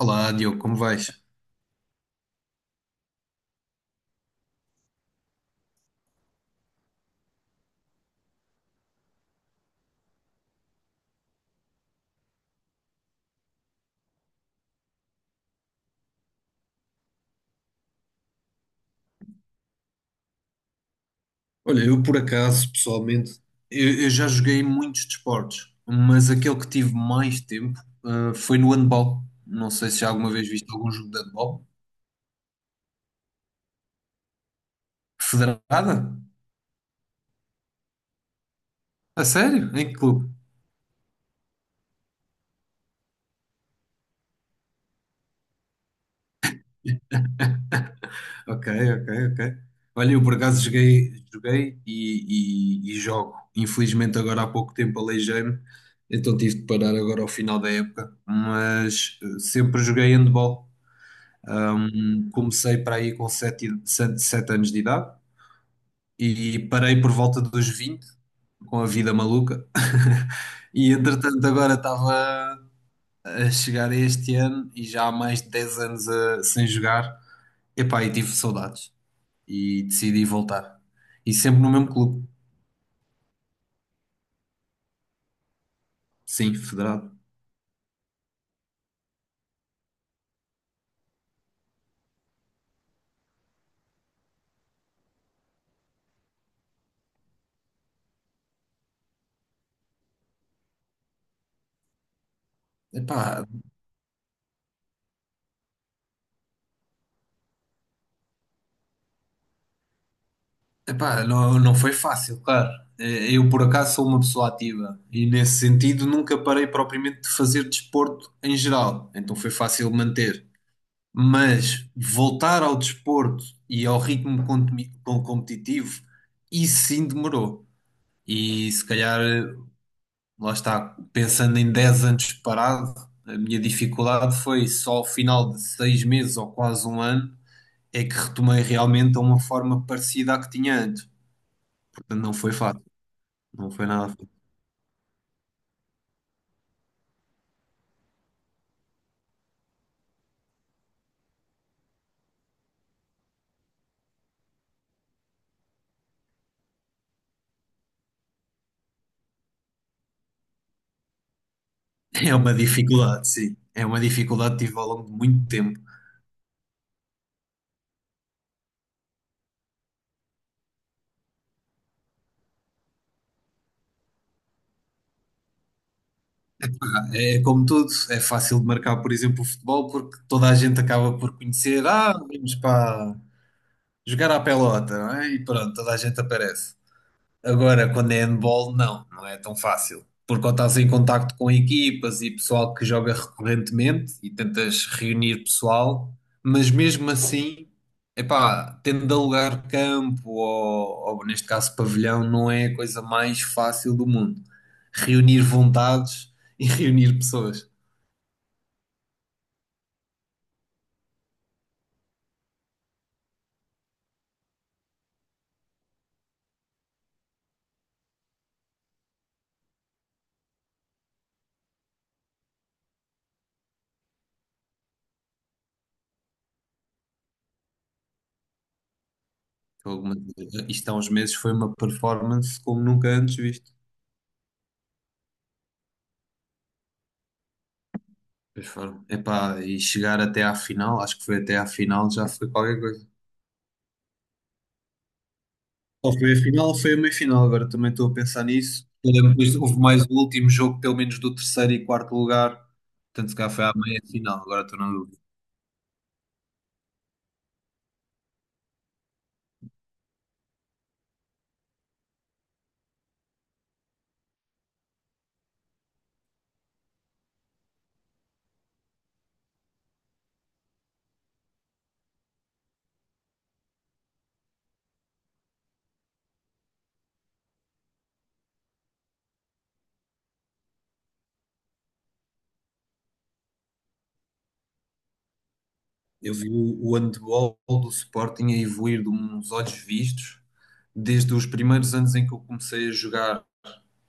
Olá, Diogo, como vais? Olha, eu por acaso, pessoalmente, eu já joguei muitos desportos, mas aquele que tive mais tempo, foi no handball. Não sei se já alguma vez viste algum jogo de handball. Federada? A sério? Em que clube? Ok, ok, ok. Olha, eu por acaso joguei, joguei e jogo. Infelizmente agora há pouco tempo aleijei-me, então tive de parar agora ao final da época, mas sempre joguei handball. Comecei para aí com sete anos de idade e parei por volta dos 20 com a vida maluca. E entretanto, agora estava a chegar a este ano e já há mais de 10 anos sem jogar. Epá, e tive saudades e decidi voltar. E sempre no mesmo clube, sim, federado. Epá, Epá, não, não foi fácil, claro. Eu, por acaso, sou uma pessoa ativa e, nesse sentido, nunca parei propriamente de fazer desporto em geral, então foi fácil manter. Mas voltar ao desporto e ao ritmo competitivo, isso sim demorou. E se calhar, lá está, pensando em 10 anos parado, a minha dificuldade foi só ao final de 6 meses ou quase um ano é que retomei realmente a uma forma parecida à que tinha antes. Portanto, não foi fácil. Não foi nada fácil. É uma dificuldade, sim. É uma dificuldade que tive ao longo de muito tempo. É como tudo, é fácil de marcar, por exemplo, o futebol, porque toda a gente acaba por conhecer. Ah, vamos para jogar à pelota, não é? E pronto, toda a gente aparece. Agora, quando é handball, não, não é tão fácil. Porque quando estás em contacto com equipas e pessoal que joga recorrentemente e tentas reunir pessoal, mas mesmo assim, epá, tendo de alugar campo ou neste caso pavilhão, não é a coisa mais fácil do mundo. Reunir vontades e reunir pessoas. Alguma- Isto há uns meses foi uma performance como nunca antes visto. Pois foram. Epá, e chegar até à final, acho que foi até à final, já foi qualquer coisa. Ou foi a final, ou foi a meia-final. Agora também estou a pensar nisso. Eu lembro que depois houve mais o último jogo, pelo menos do terceiro e quarto lugar. Portanto, se calhar foi à meia-final. Agora estou na dúvida. Eu vi o handball do Sporting a evoluir de uns olhos vistos desde os primeiros anos em que eu comecei a jogar,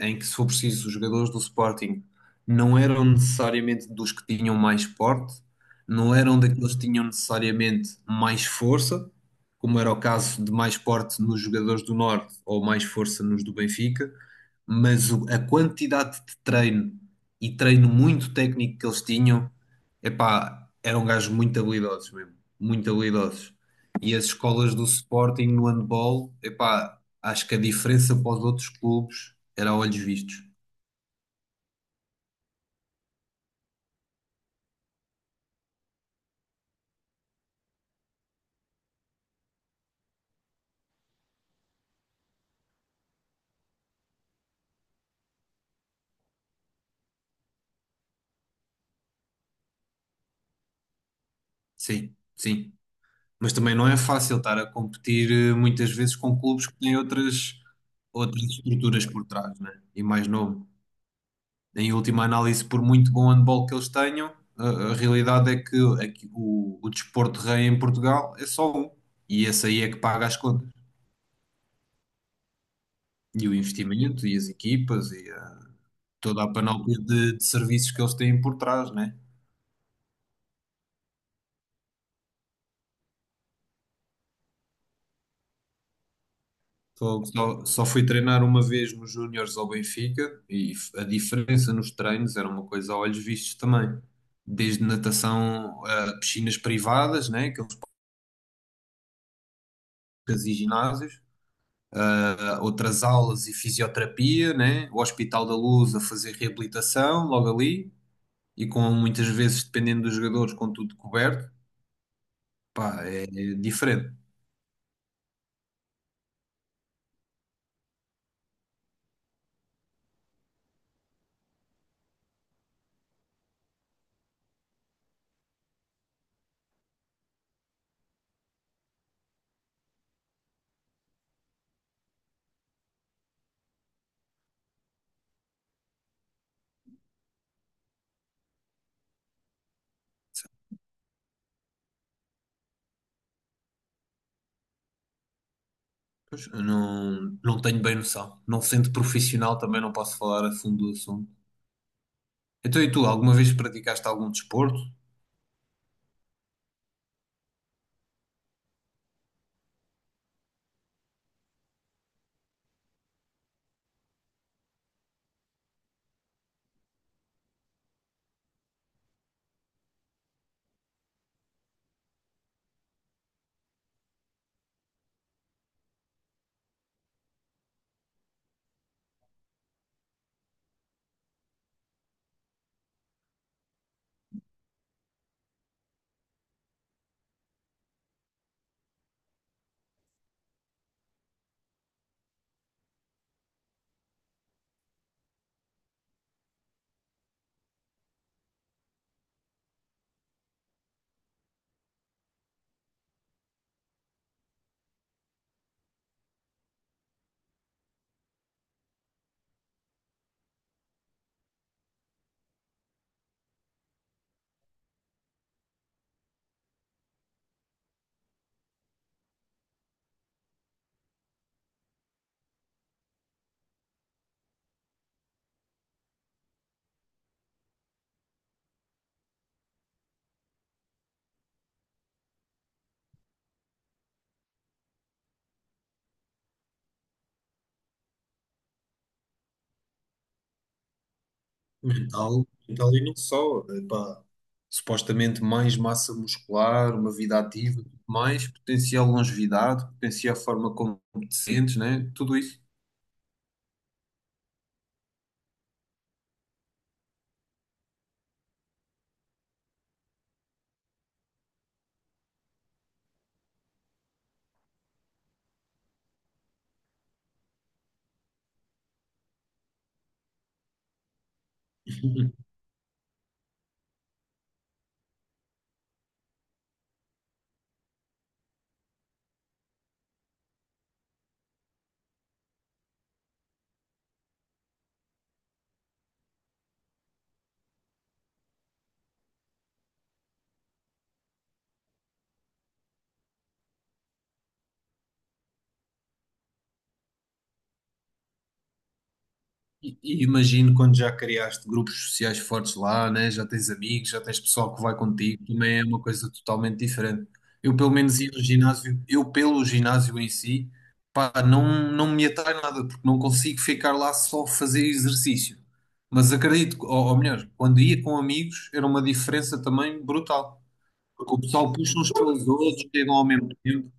em que, se for preciso, os jogadores do Sporting não eram necessariamente dos que tinham mais porte, não eram daqueles que tinham necessariamente mais força, como era o caso de mais porte nos jogadores do Norte ou mais força nos do Benfica, mas a quantidade de treino e treino muito técnico que eles tinham, epá, eram gajos muito habilidosos mesmo, muito habilidosos. E as escolas do Sporting no handball, epá, acho que a diferença para os outros clubes era a olhos vistos. Sim, sim. Mas também não é fácil estar a competir muitas vezes com clubes que têm outras, outras estruturas por trás, né? E mais novo. Em última análise, por muito bom handball que eles tenham, a realidade é que o desporto rei em Portugal é só um. E esse aí é que paga as contas. E o investimento, e as equipas, e toda a panóplia de serviços que eles têm por trás, né? Fogo. Só fui treinar uma vez nos Júniores ao Benfica e a diferença nos treinos era uma coisa a olhos vistos também. Desde natação a piscinas privadas, né, aqueles parques e ginásios, a outras aulas e fisioterapia, né, o Hospital da Luz a fazer reabilitação logo ali e com muitas vezes, dependendo dos jogadores, com tudo coberto. Pá, é diferente. Pois, eu não, não tenho bem noção. Não sendo profissional também não posso falar a fundo do assunto. Então, e tu, alguma vez praticaste algum desporto? Mental, mental e não só. Epá, supostamente mais massa muscular, uma vida ativa, mais potencial longevidade, potencial forma como te sentes, né? Tudo isso. E imagino quando já criaste grupos sociais fortes lá, né? Já tens amigos, já tens pessoal que vai contigo, também é uma coisa totalmente diferente. Eu pelo menos ia no ginásio, eu pelo ginásio em si, pá, não, não me atrai nada, porque não consigo ficar lá só a fazer exercício. Mas acredito, ou melhor, quando ia com amigos era uma diferença também brutal, porque o pessoal puxa uns pelos outros, chegam ao mesmo tempo.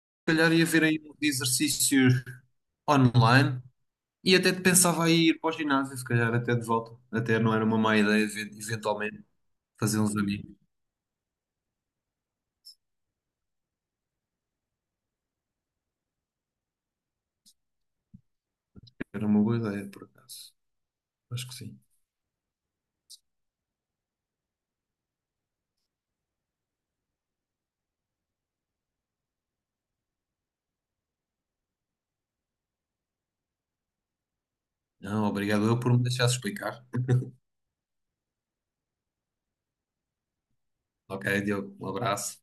Se calhar ia ver aí uns exercícios online, e até pensava em ir para o ginásio, se calhar até de volta. Até não era uma má ideia, eventualmente, fazer uns amigos. Era uma boa ideia, por acaso. Acho que sim. Não, obrigado eu por me deixar explicar. Ok, Diogo, um abraço.